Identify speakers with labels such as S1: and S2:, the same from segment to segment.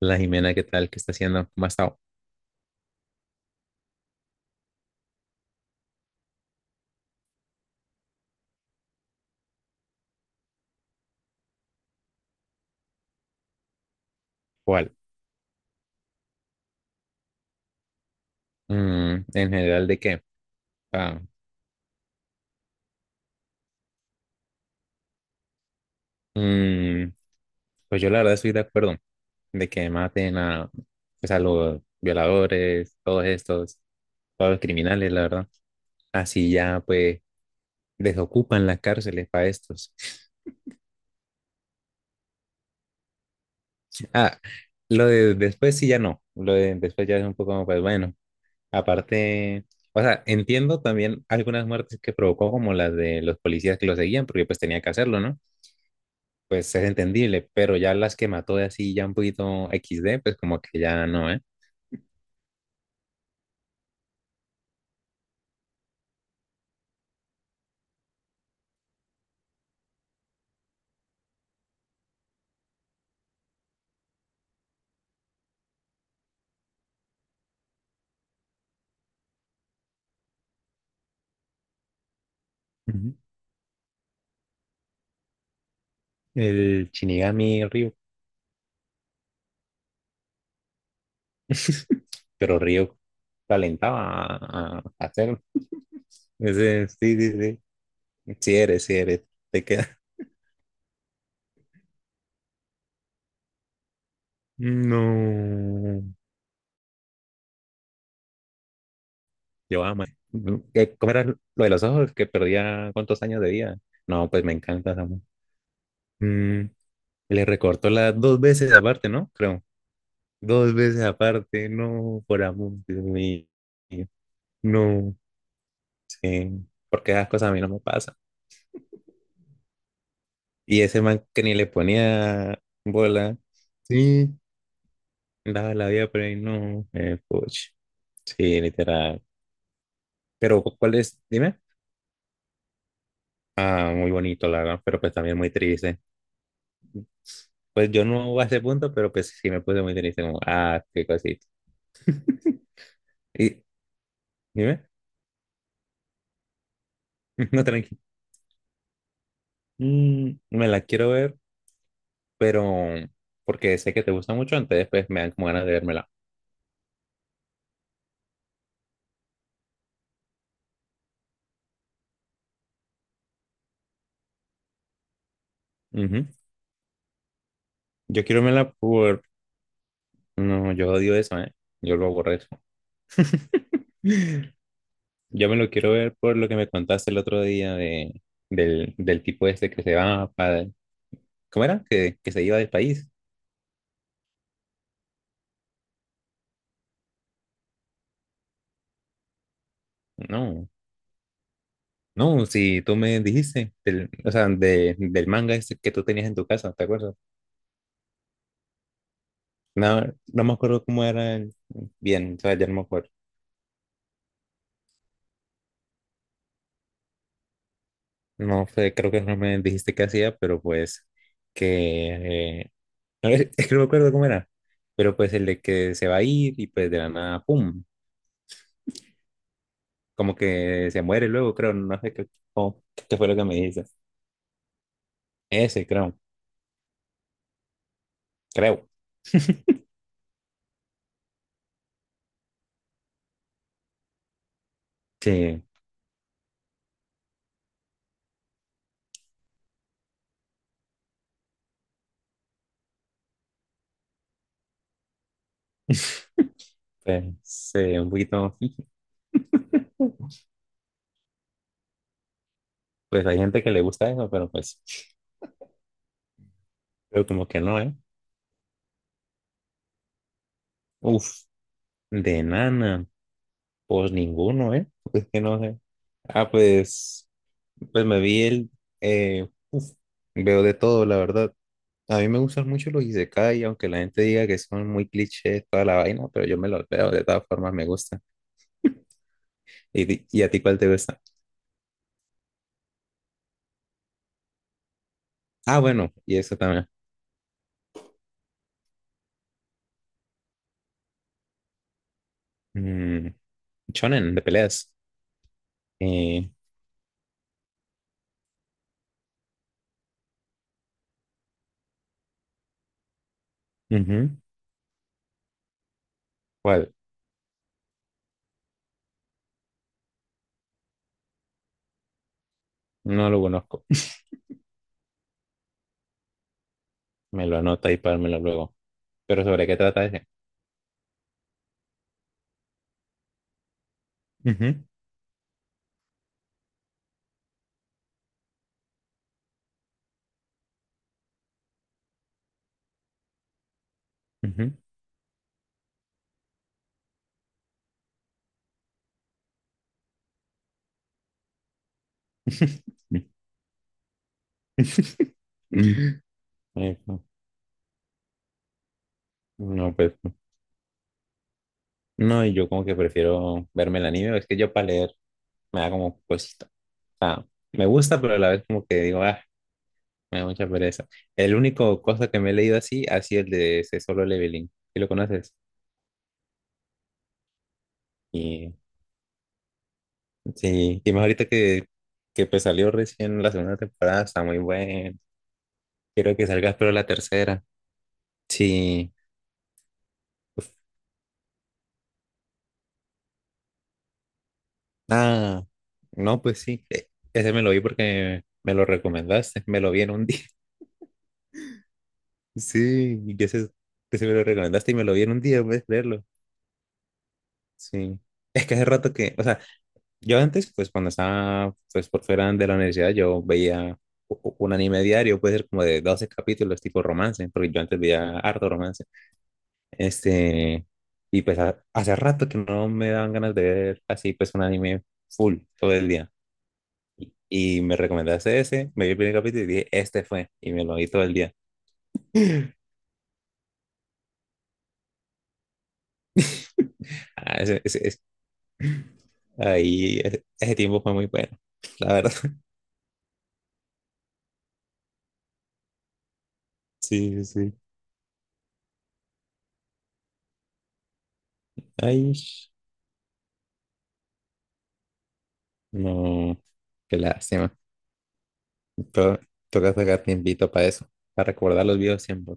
S1: La Jimena, ¿qué tal? ¿Qué está haciendo? ¿Cómo ha estado? ¿Cuál? En general, ¿de qué? Ah, mm, pues yo la verdad estoy de acuerdo de que maten a, pues, a los violadores, todos estos, todos los criminales, la verdad. Así ya, pues, desocupan las cárceles para estos. Ah, lo de después sí ya no. Lo de después ya es un poco, pues bueno. Aparte, o sea, entiendo también algunas muertes que provocó, como las de los policías que lo seguían, porque pues tenía que hacerlo, ¿no? Pues es entendible, pero ya las que mató de así ya un poquito equis de pues como que ya no, ¿eh? Ujú. El Shinigami Ryu. Pero Ryu talentaba a hacerlo. Ese, sí, sí, sí. Sí eres, sí eres. Te queda. No. Yo ama. ¿Cómo era lo de los ojos? Que perdía cuántos años de vida. No, pues me encanta esa Mm, le recortó las dos veces aparte, ¿no? Creo. Dos veces aparte, no, por amor de Dios mío. No, sí, porque esas cosas a mí no me pasan. Y ese man que ni le ponía bola. Sí. Daba la vida por ahí, no, puch. Sí, literal. Pero, ¿cuál es? Dime. Ah, muy bonito, la verdad, pero pues también muy triste. Pues yo no a ese punto, pero pues sí me puse muy triste, como, ah, qué cosita. Y, dime. No, tranqui. Me la quiero ver, pero porque sé que te gusta mucho, entonces pues me dan como ganas de vérmela. Ujú. Yo quiero verla. No, yo odio eso, ¿eh? Yo lo aborrezco. Yo me lo quiero ver por lo que me contaste el otro día de, del tipo este que se va para... ¿Cómo era? Que se iba del país. No, no, si tú me dijiste, del, o sea, de, del manga este que tú tenías en tu casa, ¿te acuerdas? No, no me acuerdo cómo era bien, o sea, ya no me acuerdo. No sé, creo que no me dijiste qué hacía, pero pues que... no, es que no me acuerdo cómo era, pero pues el de que se va a ir y pues de la nada, ¡pum! Como que se muere luego, creo, no sé cómo- qué fue lo que me dijiste. Ese, creo, creo. Sí, pues un poquito. Pues hay gente que le gusta eso, pero pues, pero como que no, ¿eh? Uf, de nana, pues ninguno, ¿eh? Pues que no sé. Ah, pues, pues me vi el, eh, uf, veo de todo, la verdad. A mí me gustan mucho los isekai, aunque la gente diga que son muy clichés, toda la vaina, pero yo me los veo, de todas formas me gusta. ¿Y, y a ti cuál te gusta? Ah, bueno, y eso también. Mm, shonen de peleas. Eh, ujú. ¿Cuál? No lo conozco. Me lo anota y pármelo luego. Pero ¿sobre qué trata ese? Ujú, ujú. Eh, no, pues. No, y yo como que prefiero verme el anime. Es que yo para leer me da como cosita. O sea, me gusta, pero a la vez como que digo, ah, me da mucha pereza. El único cosa que me he leído así ha sido el de ese Solo Leveling. ¿Sí lo conoces? Y sí, y más ahorita que pues salió recién la segunda temporada, está muy bueno. Quiero que salga pero la tercera. Sí. Uf, ah, no, pues sí. Ese me lo vi porque me lo recomendaste. Me lo vi en un día. Sí, y ese me lo recomendaste y me lo vi en un día, puedes verlo. Sí. Es que hace rato que, o sea, yo antes, pues cuando estaba pues por fuera de la universidad, yo veía un anime diario, puede ser como de 12 capítulos tipo romance, porque yo antes veía harto romance. Este, y pues hace rato que no me daban ganas de ver así pues un anime full todo el día. Y me recomendaste ese, me vi el primer capítulo y dije, este fue, y me lo vi todo el día. Ah, ahí, ese tiempo fue muy bueno, la verdad. Sí, sí, sí. Ay, no, qué lástima. To- toca sacar tiempito para eso, para recordar los videos siempre.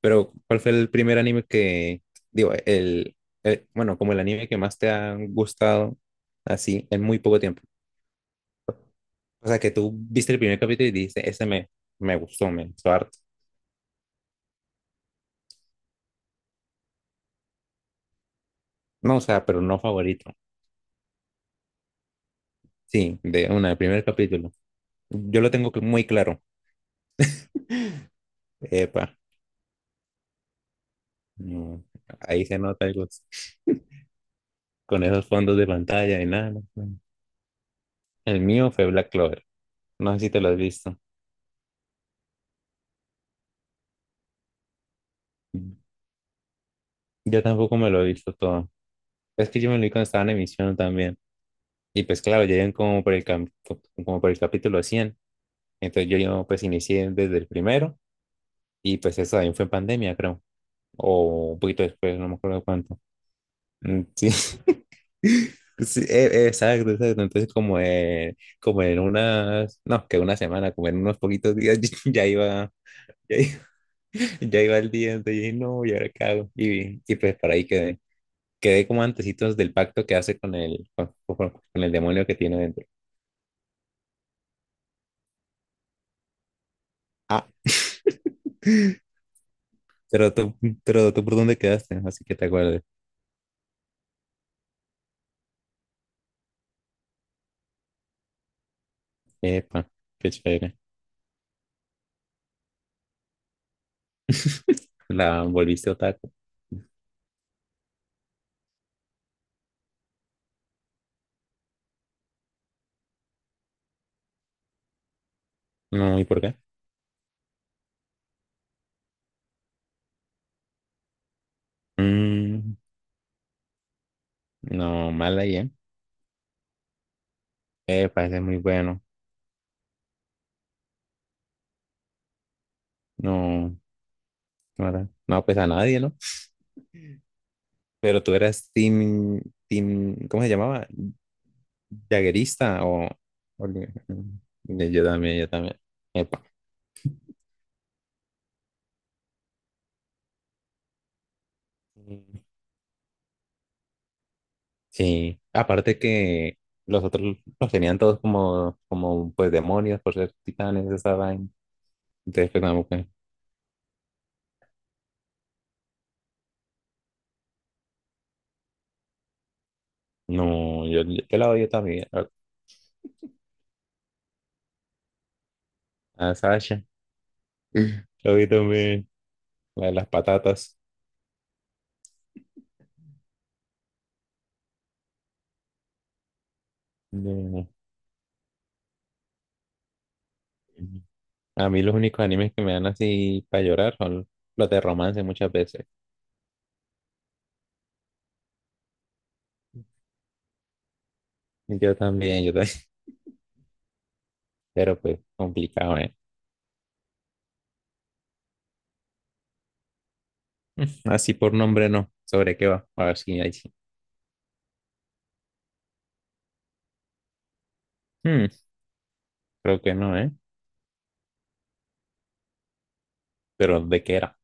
S1: Pero, ¿cuál fue el primer anime que, digo, bueno, como el anime que más te ha gustado así en muy poco tiempo? O sea, que tú viste el primer capítulo y dijiste, me gustó harto. No, o sea, pero no favorito. Sí, de una, el primer capítulo. Yo lo tengo muy claro. Epa, no, ahí se nota algo con esos fondos de pantalla y nada. No, no. El mío fue Black Clover. No sé si te lo has visto. Yo tampoco me lo he visto todo. Es que yo me lo vi cuando estaba en emisión también. Y pues claro, ya iban como por como por el capítulo 100. Entonces yo pues inicié desde el primero y pues eso también fue en pandemia, creo. O un poquito después, no me acuerdo cuánto. Sí, sí, exacto, exacto. Entonces como, como en unas, no, que una semana, como en unos poquitos días ya iba, ya iba, ya iba el día. Entonces dije, no, ¿y ahora qué hago? Y pues para ahí quedé. Quedé como antecitos del pacto que hace con con el demonio que tiene dentro. Ah. Pero tú, pero tú por dónde quedaste, así que te acuerdas. Epa, qué chévere. La volviste otaku. No, ¿y por qué? Mm, no, mal ahí, ¿eh? Epa, ese es muy bueno. No, no, no, pues a nadie, ¿no? Pero tú eras team, ¿cómo se llamaba? Jaguerista o... o li- yo también, yo también. Epa. Sí, aparte que los otros los tenían todos como, como pues demonios por ser titanes, esa vaina. Entonces, pues, no, yo la odio también. A Sasha. La odio también. La de las patatas. No. A mí los únicos animes que me dan así para llorar son los de romance muchas veces. Yo también, yo también. Pero pues complicado, ¿eh? Así por nombre no. ¿Sobre qué va? A ver si hay. Sí. Hmm, creo que no, ¿eh? Pero ¿de qué era?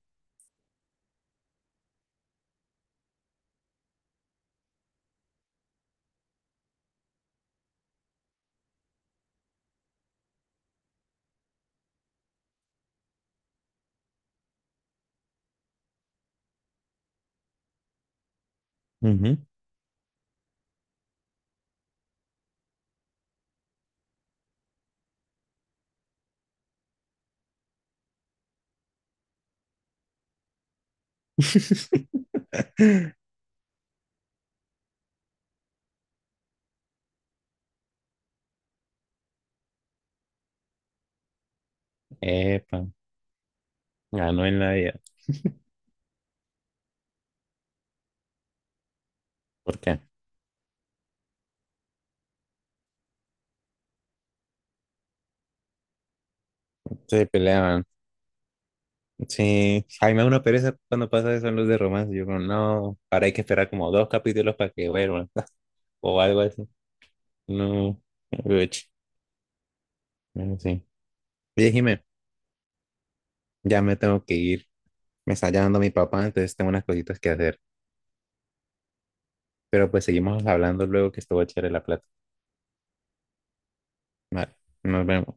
S1: Ujú. Epa, ganó en la vida. ¿Por qué? Se peleaban. Sí, a mí me da una pereza cuando pasa eso en los de romance. Yo como, no, ahora hay que esperar como dos capítulos para que vuelvan o algo así. No, uch, bueno, sí. Oye, Jimé, ya me tengo que ir. Me está llamando mi papá, entonces tengo unas cositas que hacer. Pero pues seguimos hablando luego que estuvo chévere la plata. Vale, nos vemos.